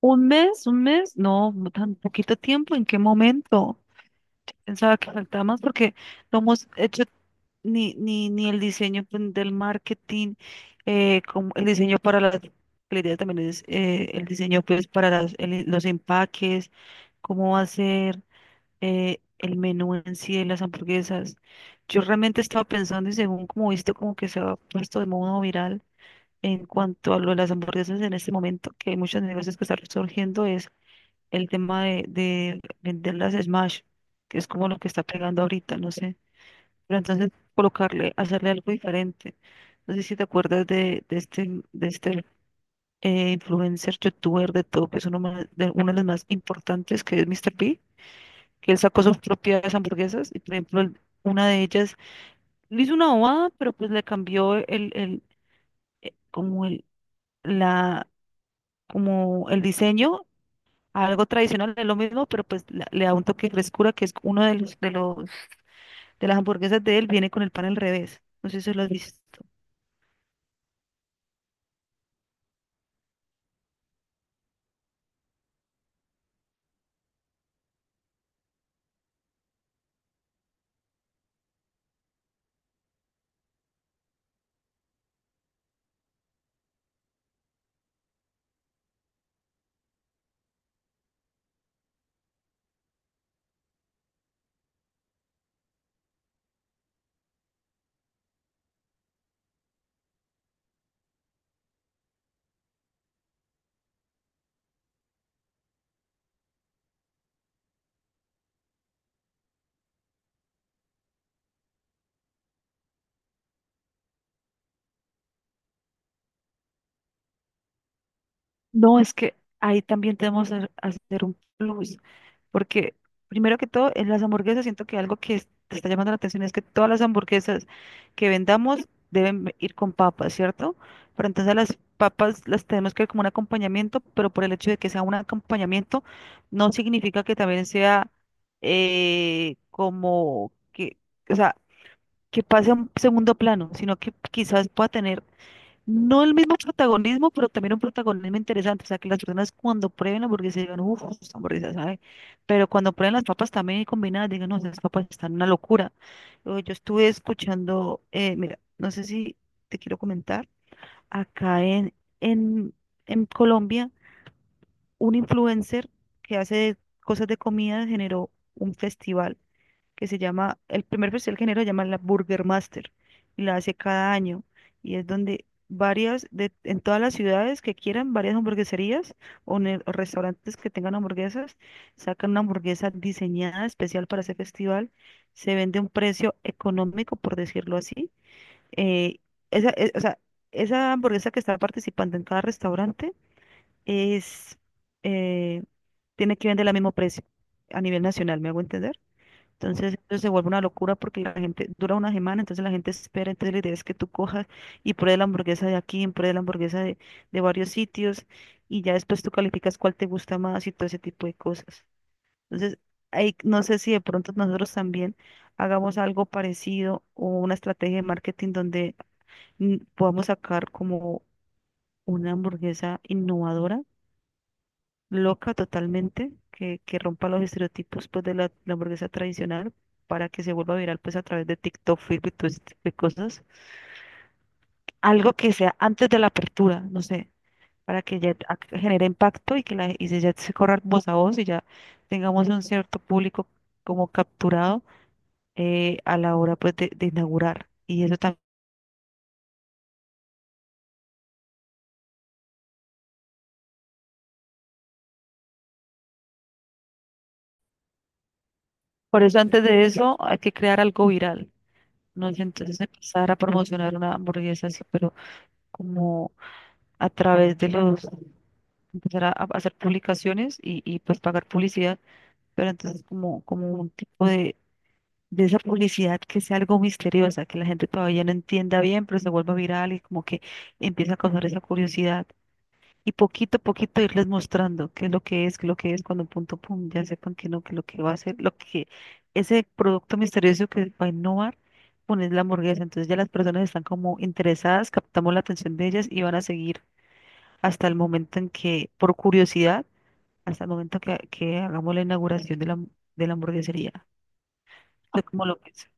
Un mes, no, no tan poquito tiempo, ¿en qué momento? Pensaba que faltaba más porque no hemos hecho ni el diseño, pues, del marketing, como el diseño para las, la idea también es el diseño, pues, para los empaques, cómo va a ser el menú en sí de las hamburguesas. Yo realmente estaba pensando y, según como viste, como que se ha puesto de modo viral en cuanto a lo de las hamburguesas en este momento, que hay muchos negocios que están surgiendo, es el tema de, vender las Smash, que es como lo que está pegando ahorita, no sé. Pero entonces colocarle, hacerle algo diferente. No sé si te acuerdas de este influencer youtuber de todo, que es uno de los más importantes, que es Mr. P, que él sacó sus propias hamburguesas y, por ejemplo, una de ellas le hizo una bobada, pero pues le cambió el, como el, la, como el diseño, algo tradicional, es lo mismo, pero pues le da un toque de frescura, que es uno de las hamburguesas de él, viene con el pan al revés. No sé si se lo has visto. No, es que ahí también tenemos que hacer un plus, porque, primero que todo, en las hamburguesas siento que algo que te está llamando la atención es que todas las hamburguesas que vendamos deben ir con papas, ¿cierto? Pero entonces las papas las tenemos que ver como un acompañamiento, pero, por el hecho de que sea un acompañamiento, no significa que también sea como que, o sea, que pase a un segundo plano, sino que quizás pueda tener no el mismo protagonismo, pero también un protagonismo interesante. O sea, que las personas, cuando prueben la hamburguesa, digan: uff, esta hamburguesa sabe. Pero cuando prueben las papas también combinadas, digan: no, esas papas están una locura. Yo estuve escuchando, mira, no sé si te quiero comentar, acá en, en, en, Colombia, un influencer que hace cosas de comida generó un festival que se llama, el primer festival que genera se llama la Burger Master, y la hace cada año. Y es donde en todas las ciudades que quieran, varias hamburgueserías o restaurantes que tengan hamburguesas, sacan una hamburguesa diseñada especial para ese festival, se vende a un precio económico, por decirlo así. eh, o sea, esa hamburguesa que está participando en cada restaurante es, eh, tiene que vender al mismo precio a nivel nacional, ¿me hago entender? Entonces, eso se vuelve una locura, porque la gente dura una semana, entonces la gente espera, entonces la idea es que tú cojas y pruebes la hamburguesa de aquí, y pruebes la hamburguesa de varios sitios, y ya después tú calificas cuál te gusta más y todo ese tipo de cosas. Entonces, ahí no sé si de pronto nosotros también hagamos algo parecido, o una estrategia de marketing donde, podamos sacar como una hamburguesa innovadora, loca totalmente, que rompa los estereotipos, pues, de la hamburguesa tradicional, para que se vuelva viral, pues, a través de TikTok, Facebook y todo ese tipo de cosas. Algo que sea antes de la apertura, no sé, para que ya genere impacto y que ya se corra voz a voz, y ya tengamos un cierto público como capturado a la hora, pues, de inaugurar. Y eso también. Por eso, antes de eso hay que crear algo viral. No sé, entonces, empezar a promocionar una hamburguesa así, pero como a través de los, empezar a hacer publicaciones pues pagar publicidad, pero entonces como un tipo de esa publicidad, que sea algo misteriosa, que la gente todavía no entienda bien, pero se vuelva viral, y como que empieza a causar esa curiosidad. Y poquito a poquito irles mostrando qué es lo que es, qué es lo que es, cuando, punto, pum, ya sepan que no, que lo que va a ser, lo que ese producto misterioso que va a innovar, poner la hamburguesa. Entonces ya las personas están como interesadas, captamos la atención de ellas, y van a seguir hasta el momento en que, por curiosidad, hasta el momento que hagamos la inauguración de la hamburguesería. ¿Tú cómo lo piensas?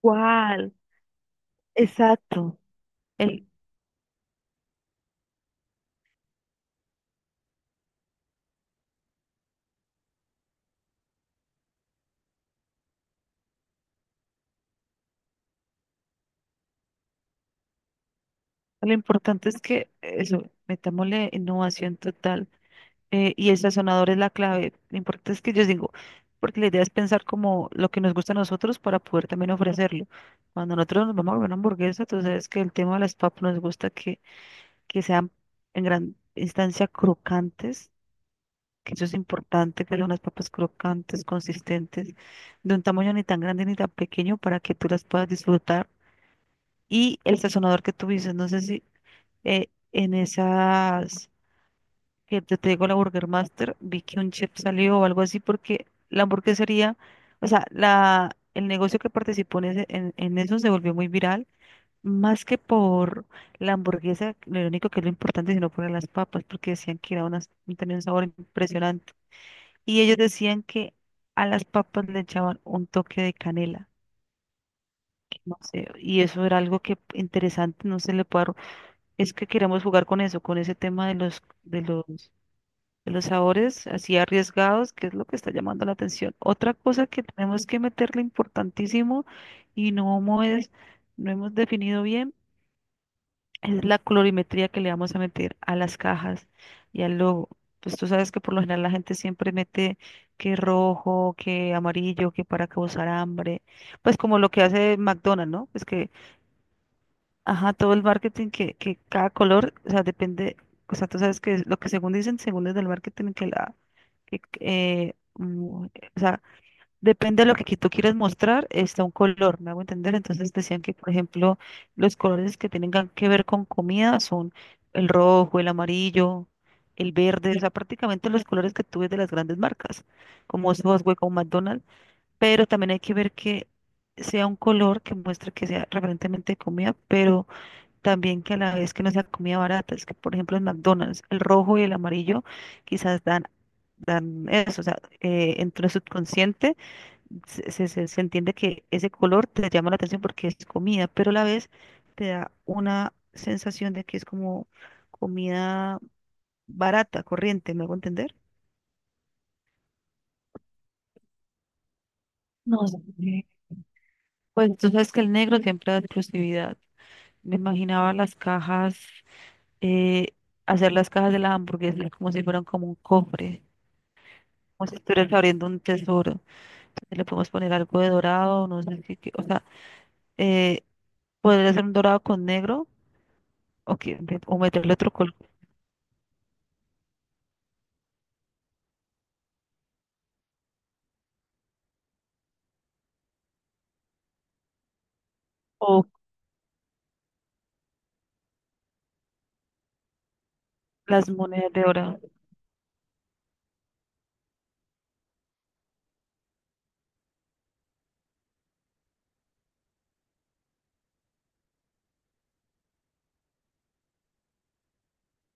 ¿Cuál? Exacto. El, lo importante es que eso, metámosle innovación total, y el sazonador es la clave. Lo importante es que, yo digo, porque la idea es pensar como lo que nos gusta a nosotros para poder también ofrecerlo. Cuando nosotros nos vamos a comer una hamburguesa, tú sabes que el tema de las papas nos gusta que sean en gran instancia crocantes, que eso es importante, que son unas papas crocantes, consistentes, de un tamaño ni tan grande ni tan pequeño, para que tú las puedas disfrutar. Y el sazonador que tú dices, no sé si, en esas que te digo, la Burger Master, vi que un chef salió o algo así, porque la hamburguesería, o sea, el negocio que participó en eso, se volvió muy viral. Más que por la hamburguesa, lo único que es lo importante, sino por las papas, porque decían que era unas, tenía un sabor impresionante. Y ellos decían que a las papas le echaban un toque de canela, que no sé, y eso era algo que interesante, no se le puede, es que queremos jugar con eso, con ese tema de los, sabores así arriesgados, que es lo que está llamando la atención. Otra cosa que tenemos que meterle, importantísimo, y no hemos definido bien, es la colorimetría que le vamos a meter a las cajas y al logo. Pues tú sabes que, por lo general, la gente siempre mete que rojo, que amarillo, que para causar hambre. Pues como lo que hace McDonald's, ¿no? Ajá, todo el marketing, que cada color, o sea, depende, o sea, tú sabes que lo que, según dicen, según es del marketing, que la, que, mm, o sea, depende de lo que tú quieres mostrar, está un color, me hago entender. Entonces decían que, por ejemplo, los colores que tengan que ver con comida son el rojo, el amarillo, el verde, o sea, prácticamente los colores que tú ves de las grandes marcas, como Sosúa o McDonald's. Pero también hay que ver que sea un color que muestre que sea referentemente de comida, pero también, que a la vez, que no sea comida barata. Es que, por ejemplo, en McDonald's, el rojo y el amarillo quizás dan eso, o sea, entre el subconsciente se entiende que ese color te llama la atención porque es comida, pero a la vez te da una sensación de que es como comida barata, corriente, ¿me hago entender? No sé. Pues tú sabes que el negro siempre da exclusividad. Me imaginaba las cajas, eh, hacer las cajas de las hamburguesas como si fueran como un cofre, como si estuvieras abriendo un tesoro. Entonces le podemos poner algo de dorado, no sé qué, o sea, eh, podría ser un dorado con negro, o, que- o meterle otro color. Las monedas de oro,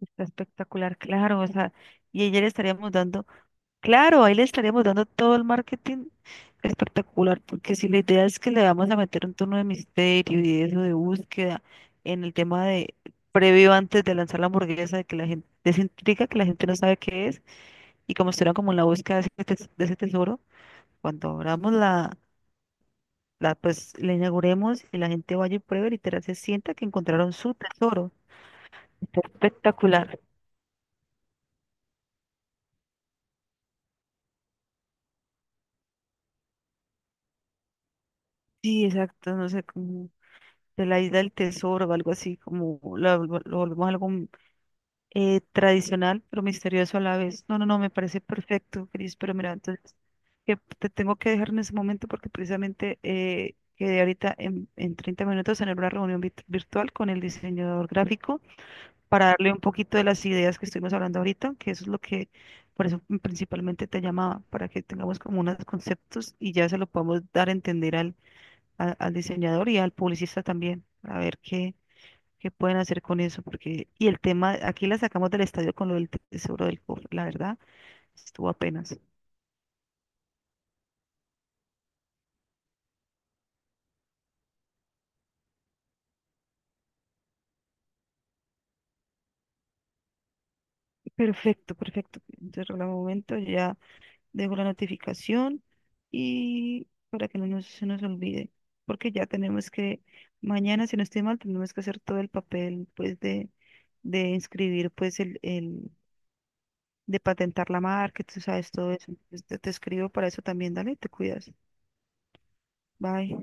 está espectacular, claro, o sea, y ella le estaríamos dando, claro, ahí le estaríamos dando todo el marketing espectacular, porque si la idea es que le vamos a meter un tono de misterio y de eso de búsqueda en el tema de previo antes de lanzar la hamburguesa, de que la gente, de esa intriga, que la gente no sabe qué es, y como estuvieran como en la búsqueda de ese tesoro, cuando abramos pues la inauguremos y la gente vaya y pruebe, literal, se sienta que encontraron su tesoro, está espectacular. Sí, exacto, no sé, como de la isla del tesoro o algo así, como lo, volvemos algo tradicional, pero misterioso a la vez. No, no, no, me parece perfecto, Cris, pero mira, entonces, que te tengo que dejar en ese momento, porque, precisamente, quedé ahorita en 30 minutos en una reunión virtual con el diseñador gráfico, para darle un poquito de las ideas que estuvimos hablando ahorita, que eso es lo que, por eso principalmente te llamaba, para que tengamos como unos conceptos y ya se lo podamos dar a entender al, al diseñador y al publicista también, a ver qué, pueden hacer con eso, porque, y el tema, aquí la sacamos del estadio con lo del seguro del cofre, la verdad, estuvo apenas. Perfecto, perfecto. Entonces, en el momento, ya dejo la notificación, y para que no nos, se nos olvide, porque ya tenemos que, mañana, si no estoy mal, tenemos que hacer todo el papel, pues, de inscribir, pues, el de patentar la marca, tú sabes todo eso. Entonces, te escribo para eso también, dale, te cuidas. Bye.